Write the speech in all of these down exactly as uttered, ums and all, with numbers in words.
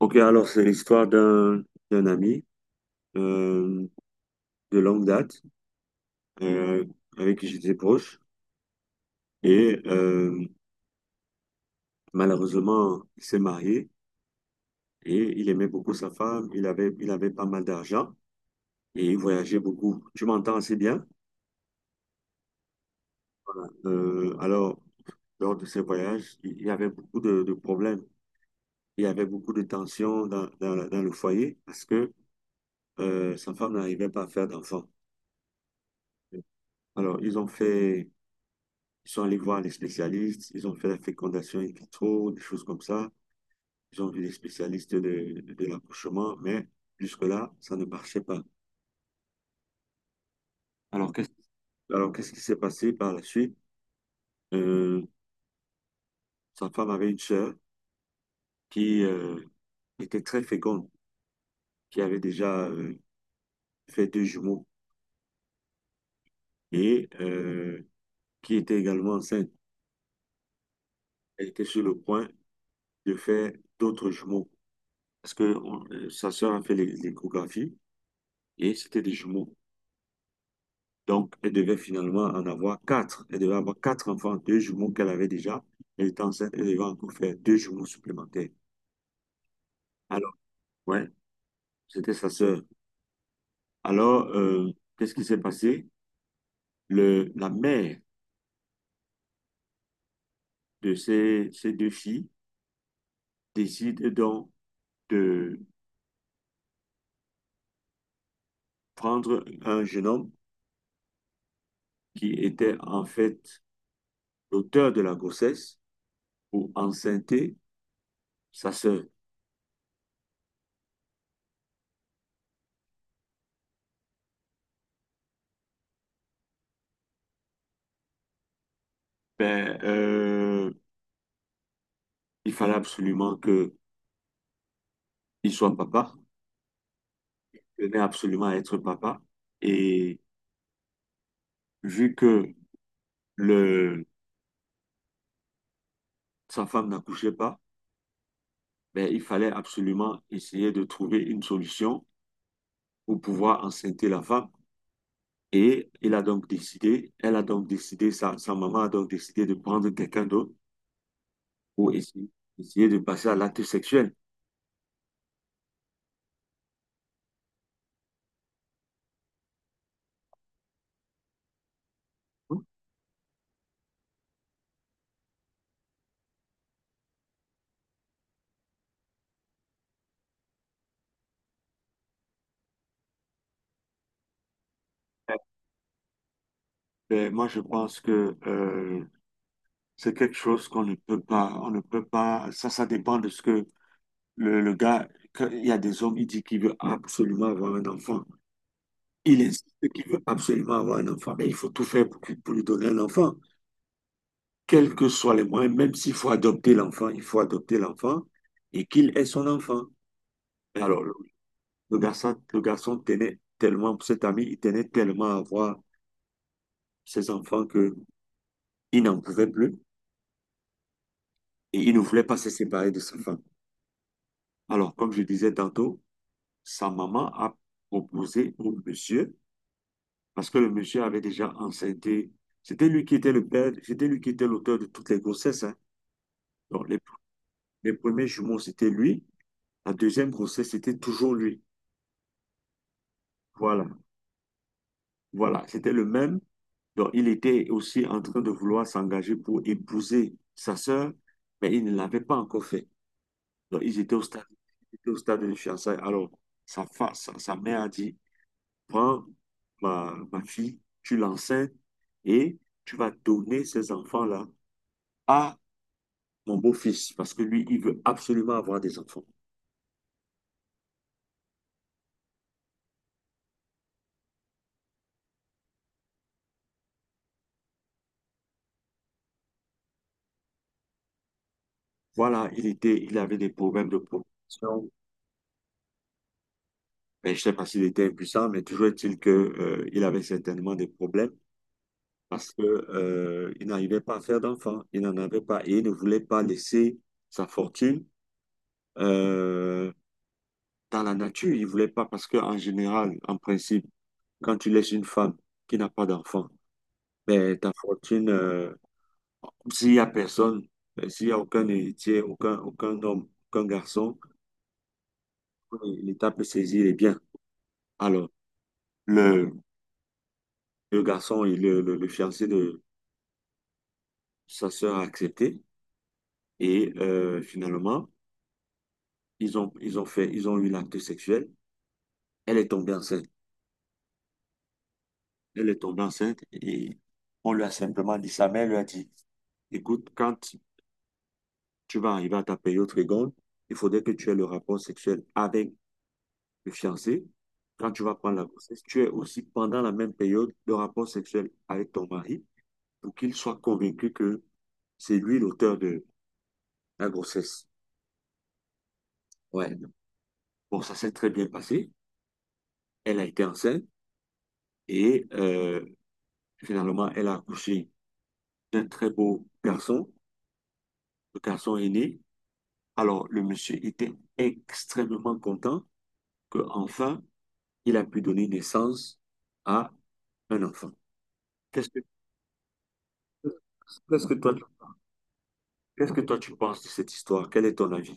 OK, alors c'est l'histoire d'un d'un ami euh, de longue date euh, avec qui j'étais proche et euh, malheureusement il s'est marié et il aimait beaucoup sa femme, il avait il avait pas mal d'argent et il voyageait beaucoup. Tu m'entends assez bien? Euh, alors lors de ces voyages, il il y avait beaucoup de, de problèmes, il y avait beaucoup de tensions dans, dans, la- dans le foyer parce que euh, sa femme n'arrivait pas à faire d'enfants. Alors ils ont fait Ils sont allés voir les spécialistes, ils ont fait la fécondation in vitro, des choses comme ça. Ils ont vu les spécialistes de, de de l'accouchement, mais jusque-là, ça ne marchait pas. Alors, qu'est-ce, alors, qu'est-ce qui s'est passé par la suite? Euh, Sa femme avait une sœur qui euh, était très féconde, qui avait déjà euh, fait deux jumeaux et euh, qui était également enceinte. Elle était sur le point de faire d'autres jumeaux parce que on- euh, sa sœur a fait l'é- l'échographie et c'était des jumeaux. Donc, elle devait finalement en avoir quatre. Elle devait avoir quatre enfants, deux jumeaux qu'elle avait déjà. Elle était enceinte, elle devait encore faire deux jumeaux supplémentaires. Alors, ouais, c'était sa sœur. Alors, euh, qu'est-ce qui s'est passé? Le, la mère de ces, ces deux filles décide donc de prendre un jeune homme qui était en fait l'auteur de la grossesse pour enceinte sa sœur. Ben, euh, il fallait absolument qu'il soit papa. Je venais absolument à être papa. Et vu que le, sa femme n'accouchait pas, ben, il fallait absolument essayer de trouver une solution pour pouvoir enceinte la femme. Et il a donc décidé, elle a donc décidé, sa, sa maman a donc décidé de prendre quelqu'un d'autre pour essayer, essayer de passer à l'acte sexuel. Ben, ben, moi, je pense que euh, c'est quelque chose qu'on ne peut pas, on ne peut pas, ça, ça dépend de ce que le, le gars, que- il y a des hommes, il dit qu'il veut absolument avoir un enfant. Il insiste qu'il veut absolument avoir un enfant, mais il faut tout faire pour, pour lui donner un enfant, quels que soient les moyens, même s'il faut adopter l'enfant, il faut adopter l'enfant et qu'il ait son enfant. Alors, le, le garçon, le garçon tenait tellement, cet ami, il tenait tellement à voir ses enfants que il n'en pouvait plus et il ne voulait pas se séparer de sa femme. Alors, comme je disais tantôt, sa maman a proposé au monsieur, parce que le monsieur avait déjà enceinté, c'était lui qui était le père, c'était lui qui était l'auteur de toutes les grossesses, hein. Donc, les premiers jumeaux c'était lui. La deuxième grossesse, c'était toujours lui. Voilà, voilà, c'était le même. Donc, il était aussi en train de vouloir s'engager pour épouser sa sœur, mais il ne l'avait pas encore fait. Donc, ils étaient au stade, ils étaient au stade de fiançailles. Alors, sa, fa- sa, sa mère a dit, prends ma, ma fille, tu l'enseignes et tu vas donner ces enfants-là à mon beau-fils, parce que lui, il veut absolument avoir des enfants. Voilà, il était, il avait des problèmes de protection. Mais je ne sais pas s'il était impuissant, mais toujours est-il que, euh, il avait certainement des problèmes parce que, euh, il n'arrivait pas à faire d'enfant. Il n'en avait pas et il ne voulait pas laisser sa fortune, euh, dans la nature. Il ne voulait pas parce que, en général, en principe, quand tu laisses une femme qui n'a pas d'enfant, ben, ta fortune, euh, s'il n'y a personne, ben, s'il n'y a aucun héritier, aucun, aucun homme, aucun garçon, l'État peut saisir les biens. Alors, le, le garçon, il- le, le, le fiancé de sa sœur a accepté et euh, finalement, ils ont, ils ont fait, ils ont eu l'acte sexuel. Elle est tombée enceinte. Elle est tombée enceinte et on lui a simplement dit, sa mère lui a dit, écoute, quand tu vas arriver à ta période seconde, il faudrait que tu aies le rapport sexuel avec le fiancé. Quand tu vas prendre la grossesse, tu aies aussi pendant la même période le rapport sexuel avec ton mari pour qu'il soit convaincu que c'est lui l'auteur de la grossesse. Ouais. Bon, ça s'est très bien passé. Elle a été enceinte. Et euh, finalement, elle a accouché d'un très beau garçon. Le garçon est né. Alors, le monsieur était extrêmement content que enfin il a pu donner naissance à un enfant. Qu'est-ce que, qu'est-ce que toi, qu'est-ce que toi tu penses de cette histoire? Quel est ton avis?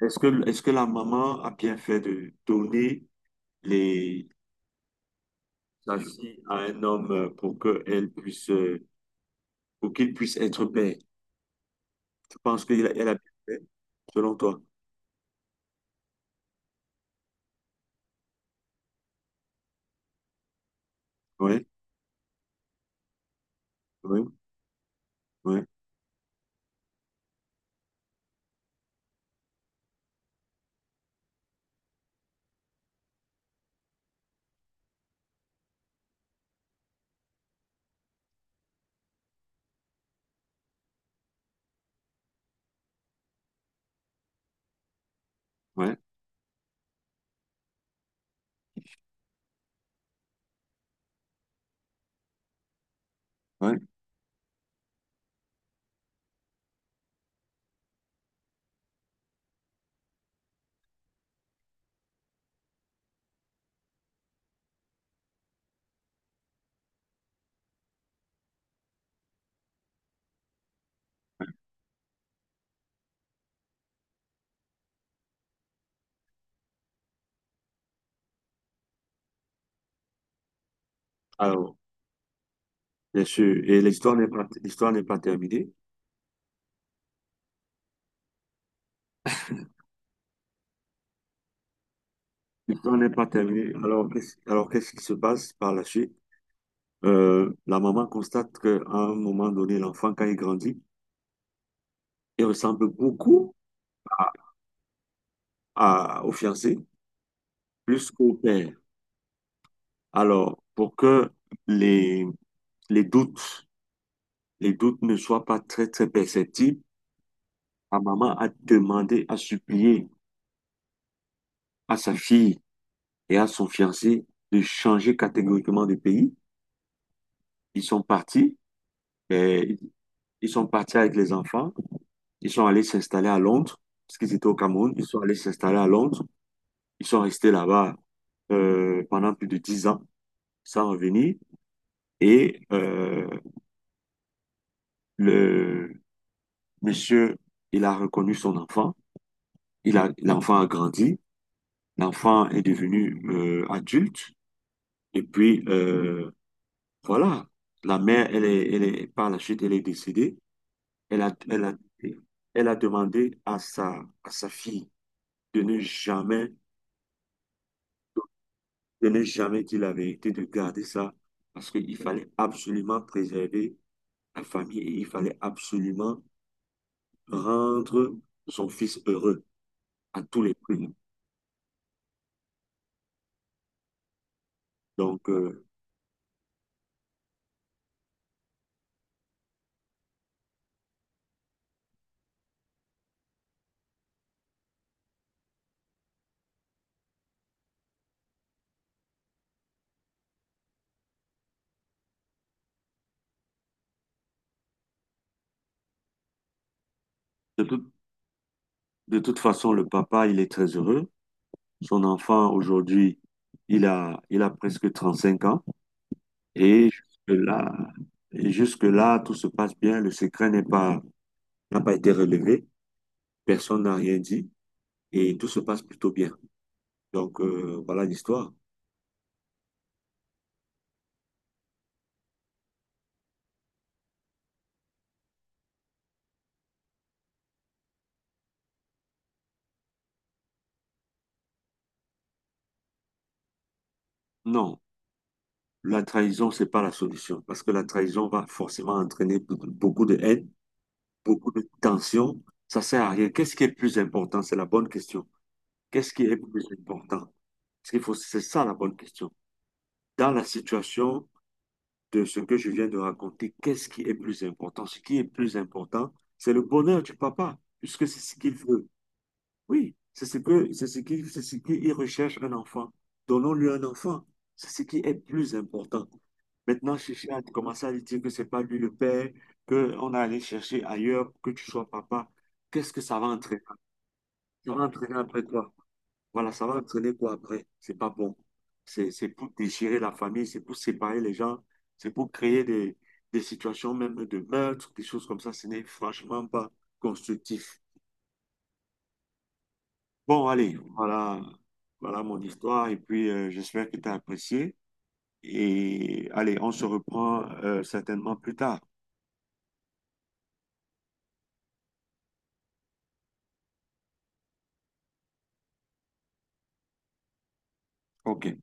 Est-ce que, est-ce que la maman a bien fait de donner les, sa fille à un homme pour que elle puisse, euh, pour qu'il puisse être père? Tu penses qu'elle a elle a bien fait, selon toi? Oui, oui. Ouais, ouais, ouais. Alors, bien sûr. Et l'histoire n'est pas, l'histoire n'est pas terminée. L'histoire n'est pas terminée. Alors, qu'est-ce, alors, qu'est-ce qui se passe par la suite? Euh, la maman constate qu'à un moment donné, l'enfant, quand il grandit, il ressemble beaucoup à, à- au fiancé plus qu'au père. Alors, pour que les, les doutes, les doutes ne soient pas très, très perceptibles, la maman a demandé, a supplié à sa fille et à son fiancé de changer catégoriquement de pays. Ils sont partis, et ils sont partis avec les enfants, ils sont allés s'installer à Londres, parce qu'ils étaient au Cameroun, ils sont allés s'installer à Londres, ils sont restés là-bas euh, pendant plus de dix ans sans revenir, et euh, le monsieur, il a reconnu son enfant, il a, l'enfant a grandi, l'enfant est devenu euh, adulte, et puis euh, voilà, la mère, elle est, elle est, par la suite, elle est décédée, elle a, elle a, elle a demandé à sa, à sa fille, de ne jamais, de ne jamais dire la vérité, de garder ça, parce qu'il fallait absolument préserver la famille et il fallait absolument rendre son fils heureux à tous les prix. Donc, euh, de tout- de toute façon, le papa, il est très heureux. Son enfant, aujourd'hui, il a, il a presque trente cinq ans et jusque-là, et jusque-là, tout se passe bien. Le secret n'est pas, n'a pas été relevé. Personne n'a rien dit et tout se passe plutôt bien. Donc, euh, voilà l'histoire. Non, la trahison, c'est pas la solution parce que la trahison va forcément entraîner beaucoup beaucoup de haine, beaucoup de tension. Ça sert à rien. Qu'est-ce qui est plus important? C'est la bonne question. Qu'est-ce qui est plus important? Ce qu'il faut, c'est ça la bonne question. Dans la situation de ce que je viens de raconter, qu'est-ce qui est plus important? Ce qui est plus important, c'est le bonheur du papa, puisque c'est ce qu'il veut. Oui, c'est ce que, c'est ce qui, c'est ce qu'il recherche un enfant. Donnons-lui un enfant. C'est ce qui est plus important. Maintenant, chercher à commencer à lui dire que c'est pas lui le père, qu'on a allé chercher ailleurs, que tu sois papa. Qu'est-ce que ça va entraîner? Ça va entraîner après quoi? Voilà, ça va entraîner quoi après? C'est pas bon. C'est, c'est pour déchirer la famille, c'est pour séparer les gens, c'est pour créer des, des situations même de meurtre, des choses comme ça. Ce n'est franchement pas constructif. Bon, allez, voilà, voilà mon histoire et puis euh, j'espère que tu as apprécié. Et allez, on se reprend euh, certainement plus tard. OK.